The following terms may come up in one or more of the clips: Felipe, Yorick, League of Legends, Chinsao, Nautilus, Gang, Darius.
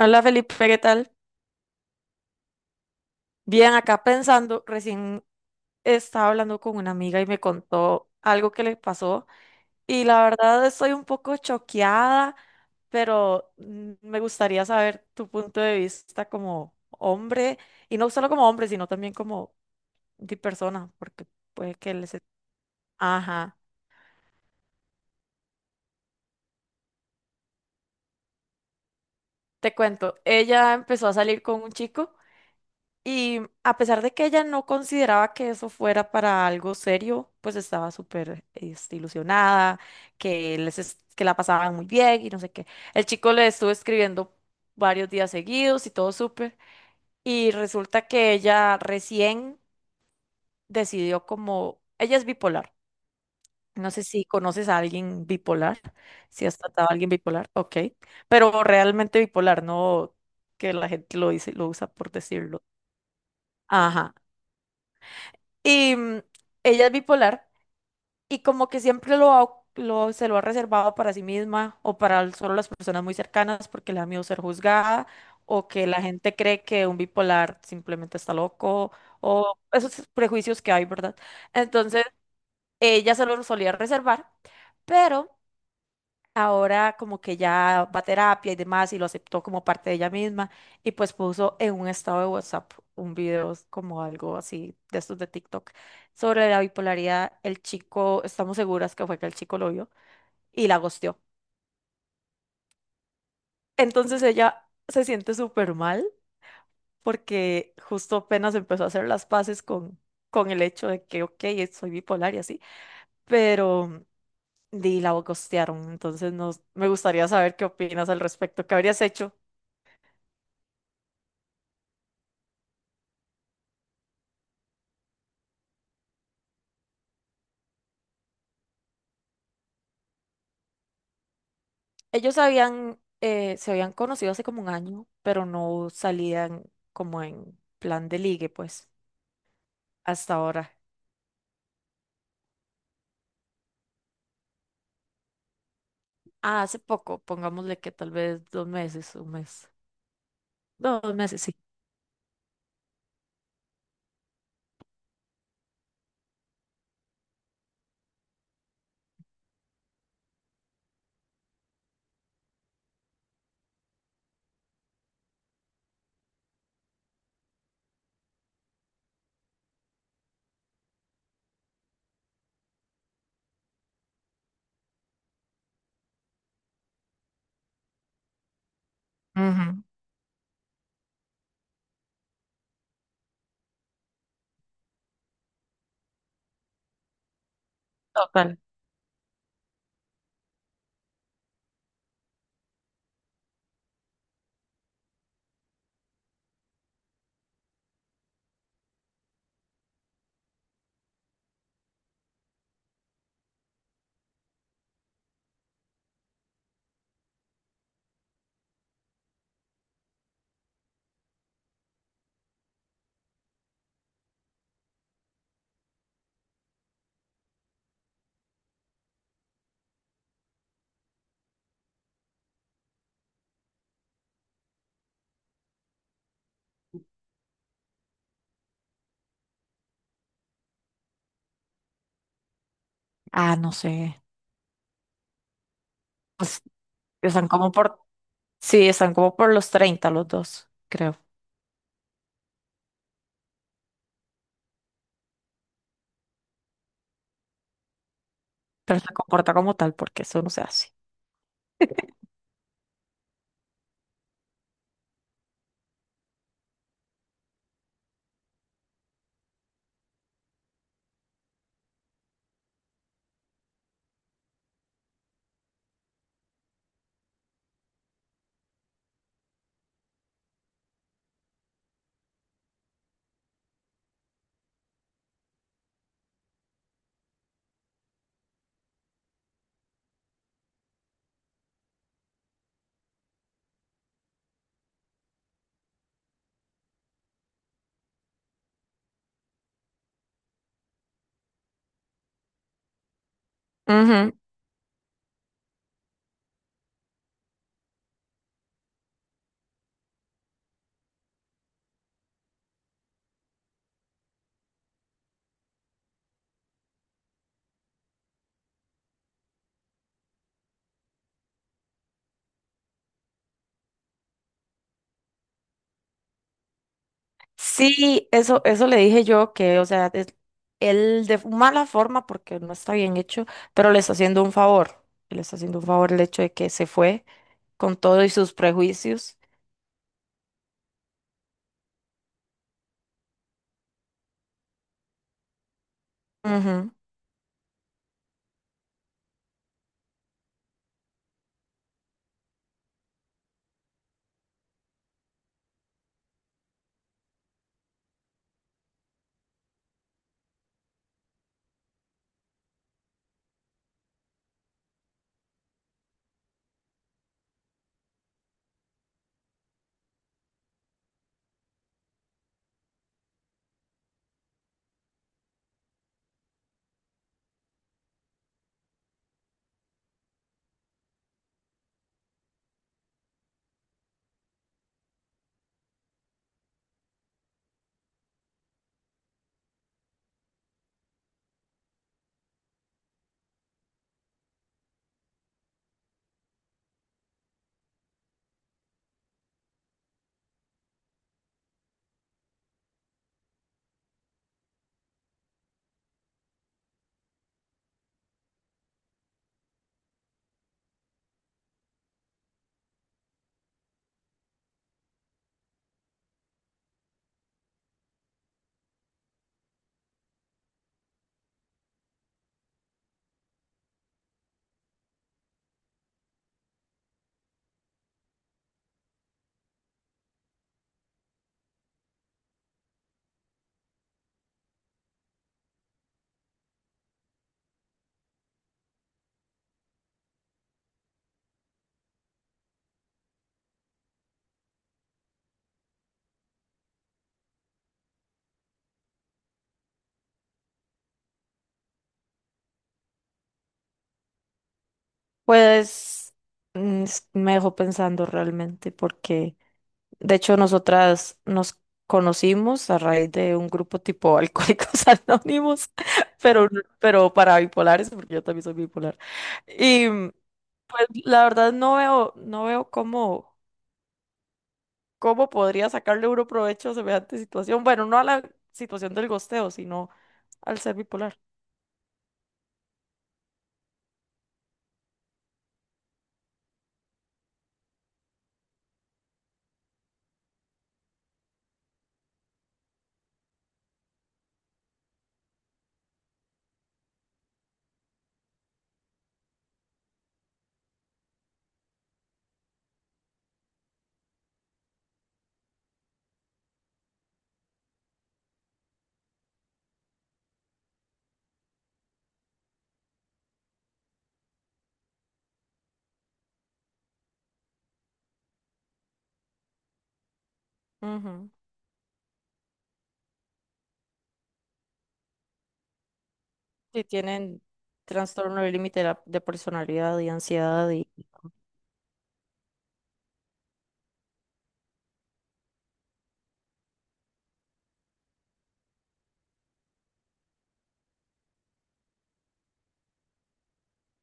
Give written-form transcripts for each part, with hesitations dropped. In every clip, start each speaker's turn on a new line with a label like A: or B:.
A: Hola Felipe, ¿qué tal? Bien, acá pensando, recién estaba hablando con una amiga y me contó algo que le pasó y la verdad estoy un poco choqueada, pero me gustaría saber tu punto de vista como hombre y no solo como hombre, sino también como de persona, porque puede que les... Ajá, te cuento, ella empezó a salir con un chico. Y a pesar de que ella no consideraba que eso fuera para algo serio, pues estaba súper ilusionada, que, que la pasaban muy bien y no sé qué. El chico le estuvo escribiendo varios días seguidos y todo súper. Y resulta que ella recién decidió como... Ella es bipolar. No sé si conoces a alguien bipolar, si has tratado a alguien bipolar, ok. Pero realmente bipolar, no que la gente lo dice, lo usa por decirlo. Ajá. Y mm, ella es bipolar y como que siempre se lo ha reservado para sí misma o para solo las personas muy cercanas porque le da miedo ser juzgada o que la gente cree que un bipolar simplemente está loco o esos prejuicios que hay, ¿verdad? Entonces, ella se lo solía reservar, pero ahora como que ya va a terapia y demás y lo aceptó como parte de ella misma y pues puso en un estado de WhatsApp un video como algo así de estos de TikTok sobre la bipolaridad. El chico, estamos seguras que fue que el chico lo vio y la gosteó. Entonces ella se siente súper mal porque justo apenas empezó a hacer las paces con el hecho de que, ok, soy bipolar y así, pero... di la gostearon, entonces no, me gustaría saber qué opinas al respecto. ¿Qué habrías hecho? Ellos habían, se habían conocido hace como un año, pero no salían como en plan de ligue, pues, hasta ahora. Ah, hace poco, pongámosle que tal vez dos meses, un mes. No, dos meses, sí. Ujú. Total. Ah, no sé. Pues están como por, sí, están como por los 30 los dos, creo. Pero se comporta como tal porque eso no se hace. Ujú. Sí, eso le dije yo que, o sea, él de mala forma porque no está bien hecho, pero le está haciendo un favor. Le está haciendo un favor el hecho de que se fue con todo y sus prejuicios. Ujú. Pues me dejó pensando realmente porque, de hecho, nosotras nos conocimos a raíz de un grupo tipo Alcohólicos Anónimos, pero, pero para bipolares, porque yo también soy bipolar. Y mm, pues la verdad no veo cómo podría sacarle uno provecho a semejante situación. Bueno, no a la situación del gosteo, sino al ser bipolar. Ujú. Si tienen trastorno del límite de personalidad y ansiedad y...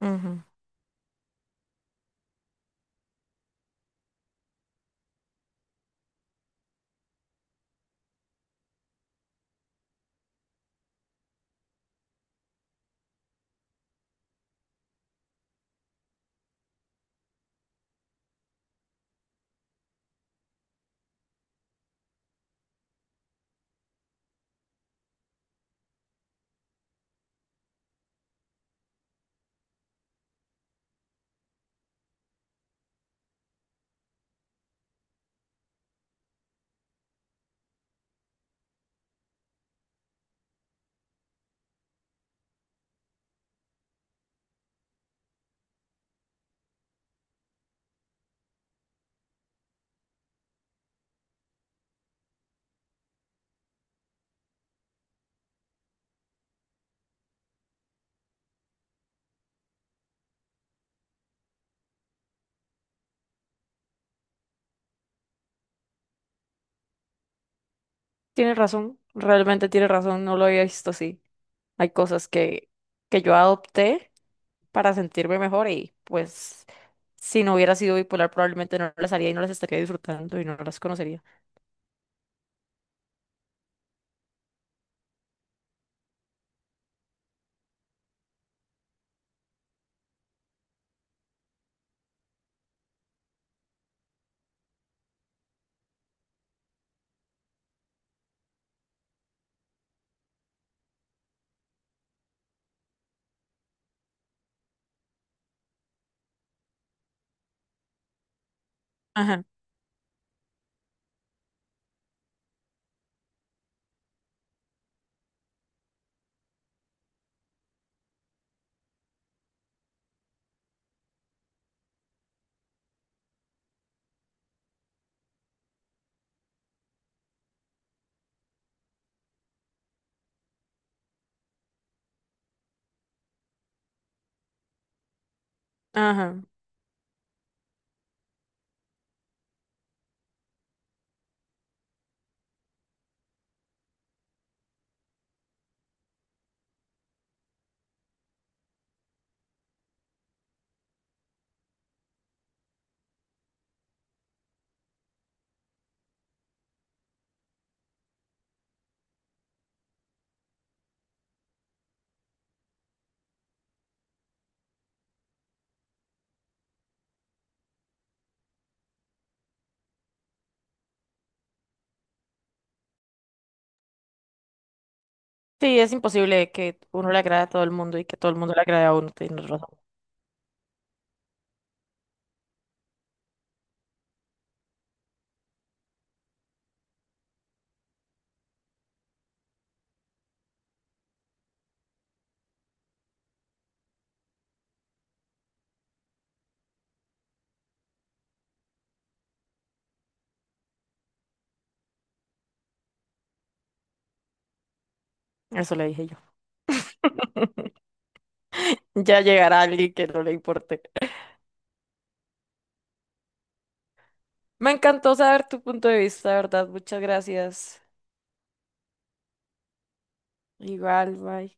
A: Ujú. Tienes razón, realmente tiene razón, no lo había visto así. Hay que yo adopté para sentirme mejor y pues si no hubiera sido bipolar probablemente no las haría y no las estaría disfrutando y no las conocería. Ajá, ajá. Sí, es imposible que uno le agrade a todo el mundo y que todo el mundo le agrade a uno, tienes razón. Eso le dije yo. Ya llegará alguien que no le importe. Me encantó saber tu punto de vista, ¿verdad? Muchas gracias. Igual, bye.